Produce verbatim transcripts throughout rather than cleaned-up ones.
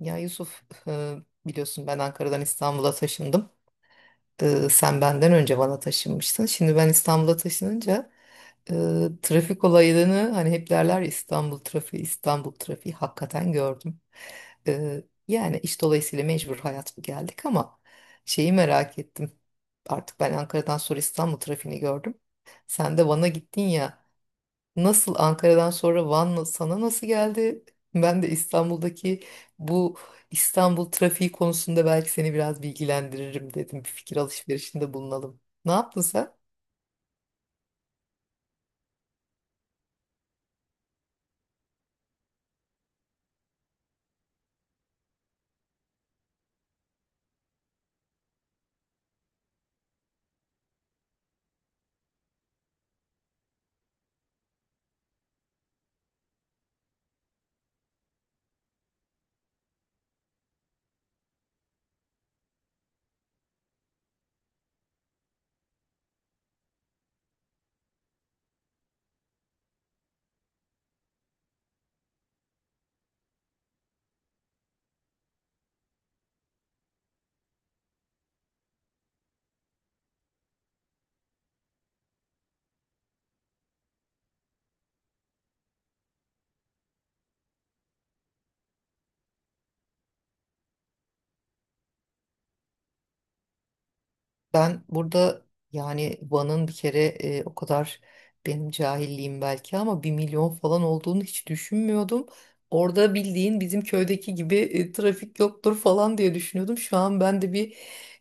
Ya Yusuf, e, biliyorsun ben Ankara'dan İstanbul'a taşındım. E, Sen benden önce bana taşınmıştın. Şimdi ben İstanbul'a taşınınca e, trafik olayını hani hep derler ya, İstanbul trafiği, İstanbul trafiği hakikaten gördüm. E, Yani iş dolayısıyla mecbur hayat bu geldik ama şeyi merak ettim. Artık ben Ankara'dan sonra İstanbul trafiğini gördüm. Sen de Van'a gittin ya. Nasıl Ankara'dan sonra Van na- sana nasıl geldi? Ben de İstanbul'daki bu İstanbul trafiği konusunda belki seni biraz bilgilendiririm dedim. Bir fikir alışverişinde bulunalım. Ne yaptın sen? Ben burada yani Van'ın bir kere e, o kadar benim cahilliğim belki ama bir milyon falan olduğunu hiç düşünmüyordum. Orada bildiğin bizim köydeki gibi e, trafik yoktur falan diye düşünüyordum. Şu an ben de bir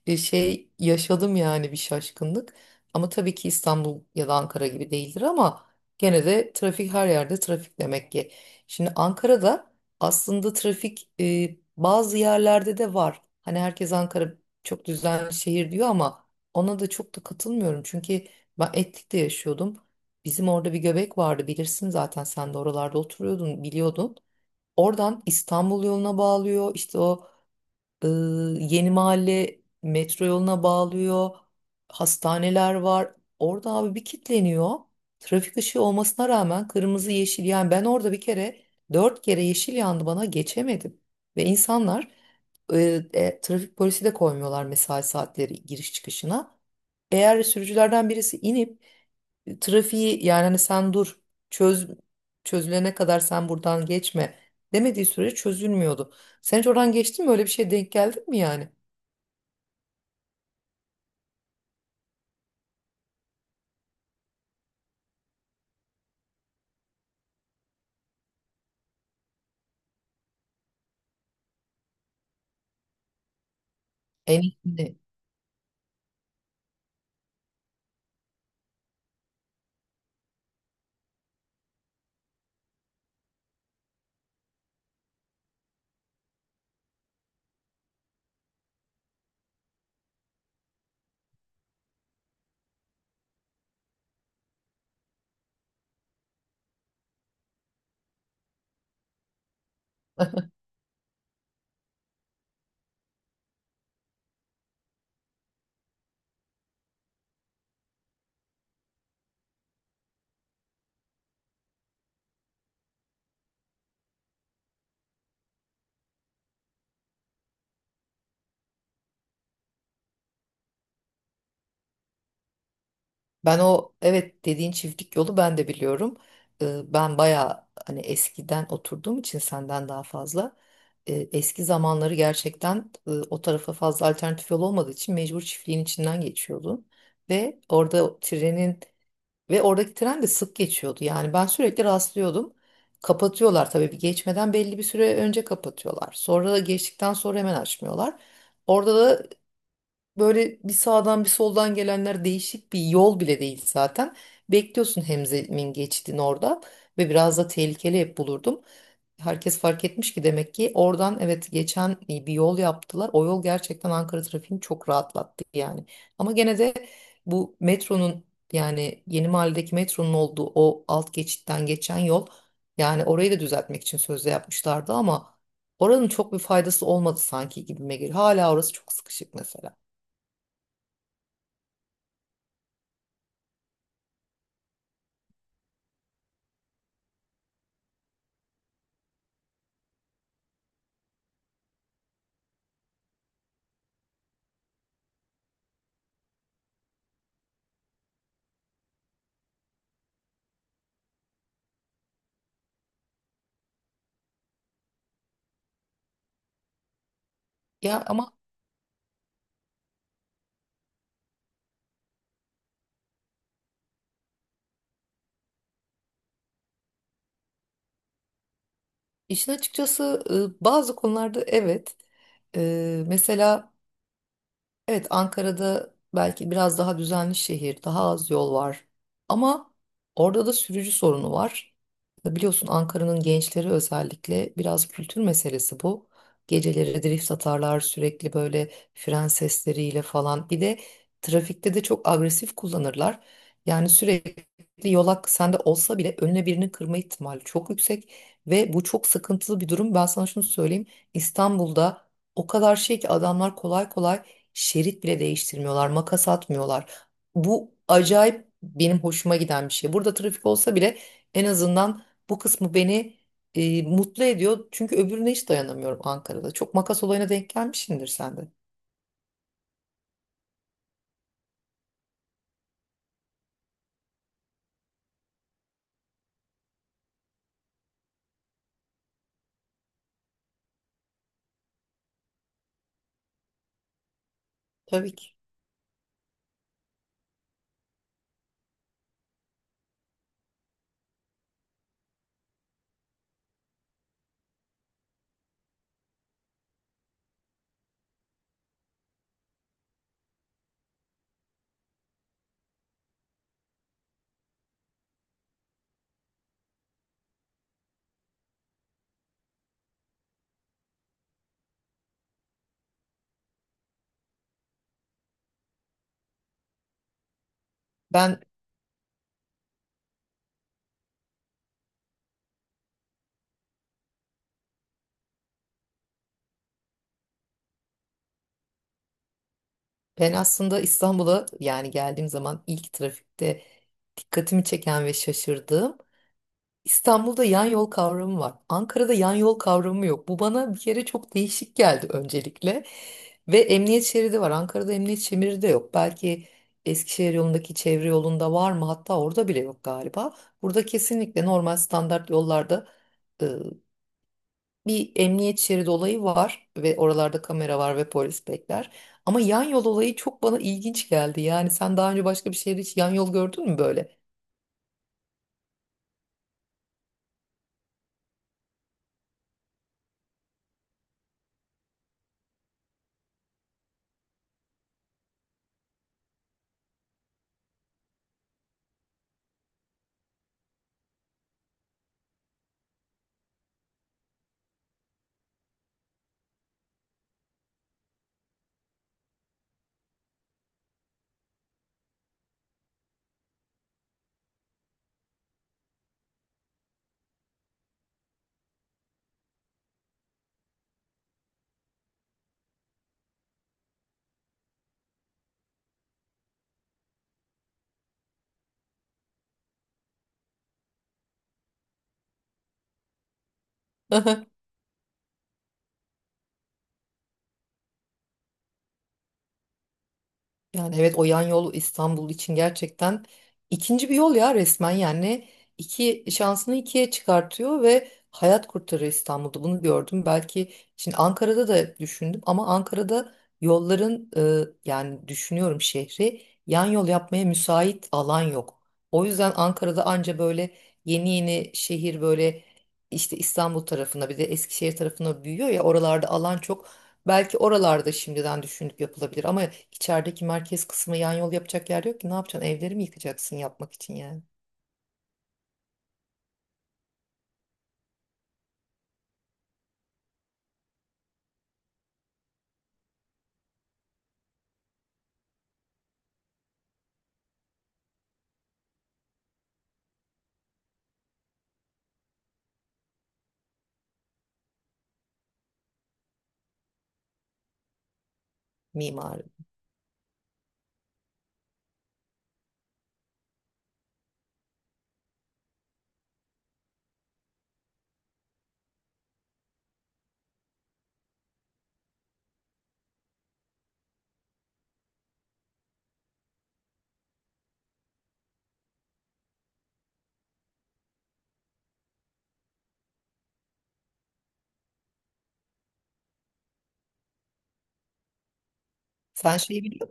e, şey yaşadım yani bir şaşkınlık. Ama tabii ki İstanbul ya da Ankara gibi değildir ama gene de trafik her yerde trafik demek ki. Şimdi Ankara'da aslında trafik e, bazı yerlerde de var. Hani herkes Ankara çok düzenli şehir diyor ama ona da çok da katılmıyorum. Çünkü ben Etlik'te yaşıyordum. Bizim orada bir göbek vardı, bilirsin, zaten sen de oralarda oturuyordun, biliyordun. Oradan İstanbul yoluna bağlıyor, işte o ee, Yeni Mahalle metro yoluna bağlıyor. Hastaneler var. Orada abi bir kitleniyor. Trafik ışığı olmasına rağmen kırmızı yeşil, yani ben orada bir kere dört kere yeşil yandı bana, geçemedim. Ve insanlar, e, e, trafik polisi de koymuyorlar mesai saatleri giriş çıkışına. Eğer sürücülerden birisi inip trafiği, yani hani sen dur, çöz, çözülene kadar sen buradan geçme demediği sürece çözülmüyordu. Sen hiç oradan geçtin mi? Öyle bir şeye denk geldin mi yani? En iyisini. Ben o evet dediğin çiftlik yolu, ben de biliyorum. Ee, ben bayağı hani eskiden oturduğum için senden daha fazla, e, eski zamanları gerçekten, e, o tarafa fazla alternatif yol olmadığı için mecbur çiftliğin içinden geçiyordun. Ve orada o trenin Ve oradaki tren de sık geçiyordu. Yani ben sürekli rastlıyordum. Kapatıyorlar tabii, bir geçmeden belli bir süre önce kapatıyorlar. Sonra da geçtikten sonra hemen açmıyorlar. Orada da böyle bir sağdan bir soldan gelenler, değişik bir yol bile değil zaten. Bekliyorsun Hemzem'in geçtiğini orada ve biraz da tehlikeli hep bulurdum. Herkes fark etmiş ki demek ki, oradan evet, geçen bir yol yaptılar. O yol gerçekten Ankara trafiğini çok rahatlattı yani. Ama gene de bu metronun, yani Yeni Mahalledeki metronun olduğu o alt geçitten geçen yol, yani orayı da düzeltmek için sözde yapmışlardı ama oranın çok bir faydası olmadı sanki, gibime geliyor. Hala orası çok sıkışık mesela. Ya ama işin açıkçası e, bazı konularda evet. E, mesela Evet, Ankara'da belki biraz daha düzenli şehir, daha az yol var. Ama orada da sürücü sorunu var. Biliyorsun Ankara'nın gençleri, özellikle biraz kültür meselesi bu. Geceleri drift atarlar sürekli, böyle fren sesleriyle falan. Bir de trafikte de çok agresif kullanırlar. Yani sürekli yolak sende olsa bile önüne birini kırma ihtimali çok yüksek. Ve bu çok sıkıntılı bir durum. Ben sana şunu söyleyeyim. İstanbul'da o kadar şey ki, adamlar kolay kolay şerit bile değiştirmiyorlar, makas atmıyorlar. Bu acayip benim hoşuma giden bir şey. Burada trafik olsa bile en azından bu kısmı beni e, mutlu ediyor. Çünkü öbürüne hiç dayanamıyorum Ankara'da. Çok makas olayına denk gelmişsindir sen de. Tabii ki. Ben ben aslında İstanbul'a, yani geldiğim zaman, ilk trafikte dikkatimi çeken ve şaşırdığım, İstanbul'da yan yol kavramı var. Ankara'da yan yol kavramı yok. Bu bana bir kere çok değişik geldi öncelikle. Ve emniyet şeridi var. Ankara'da emniyet şeridi de yok. Belki Eskişehir yolundaki çevre yolunda var mı? Hatta orada bile yok galiba. Burada kesinlikle normal standart yollarda e, bir emniyet şeridi olayı var ve oralarda kamera var ve polis bekler. Ama yan yol olayı çok bana ilginç geldi. Yani sen daha önce başka bir şehirde hiç yan yol gördün mü böyle? Yani evet, o yan yol İstanbul için gerçekten ikinci bir yol ya, resmen yani, iki şansını ikiye çıkartıyor ve hayat kurtarıyor. İstanbul'da bunu gördüm. Belki şimdi Ankara'da da düşündüm ama Ankara'da yolların, e, yani düşünüyorum, şehri yan yol yapmaya müsait alan yok. O yüzden Ankara'da anca böyle yeni yeni şehir, böyle işte İstanbul tarafına bir de Eskişehir tarafına büyüyor ya, oralarda alan çok. Belki oralarda şimdiden düşünüp yapılabilir ama içerideki merkez kısmı yan yol yapacak yer yok ki. Ne yapacaksın? Evleri mi yıkacaksın yapmak için, yani? Mimari? Sen şeyi biliyor,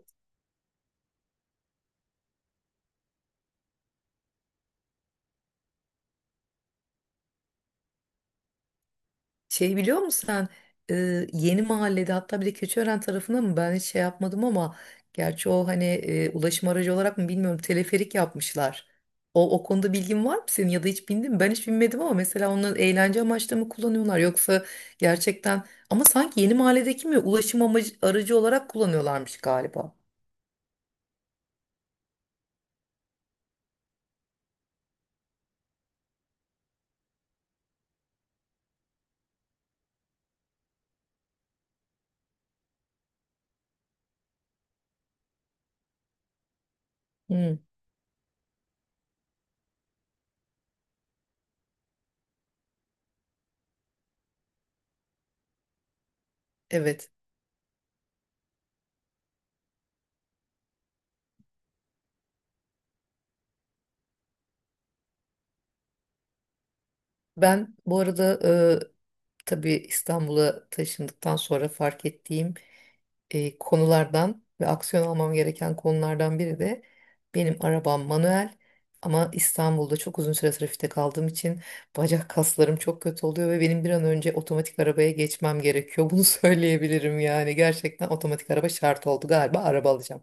Şeyi biliyor musun sen? Ee, yeni mahallede hatta bir de Keçiören tarafında mı? Ben hiç şey yapmadım ama gerçi o hani e, ulaşım aracı olarak mı bilmiyorum, teleferik yapmışlar. O, o konuda bilgin var mı senin ya da hiç bindin mi? Ben hiç binmedim ama mesela onları eğlence amaçlı mı kullanıyorlar, yoksa gerçekten, ama sanki Yeni Mahalledeki mi, ulaşım amacı, aracı olarak kullanıyorlarmış galiba. Hı, evet. Ben bu arada, e, tabii İstanbul'a taşındıktan sonra fark ettiğim e, konulardan ve aksiyon almam gereken konulardan biri de, benim arabam manuel ama İstanbul'da çok uzun süre trafikte kaldığım için bacak kaslarım çok kötü oluyor ve benim bir an önce otomatik arabaya geçmem gerekiyor. Bunu söyleyebilirim yani, gerçekten otomatik araba şart oldu galiba, araba alacağım.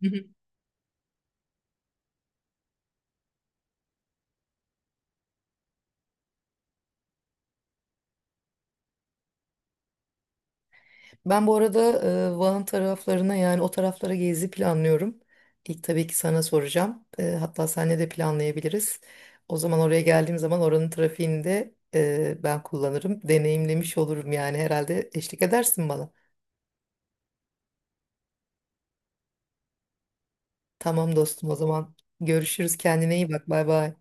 Ben bu arada e, Van taraflarına, yani o taraflara gezi planlıyorum. İlk tabii ki sana soracağım. E, hatta seninle de planlayabiliriz. O zaman oraya geldiğim zaman oranın trafiğini de e, ben kullanırım. Deneyimlemiş olurum, yani herhalde eşlik edersin bana. Tamam dostum, o zaman görüşürüz, kendine iyi bak, bay bay.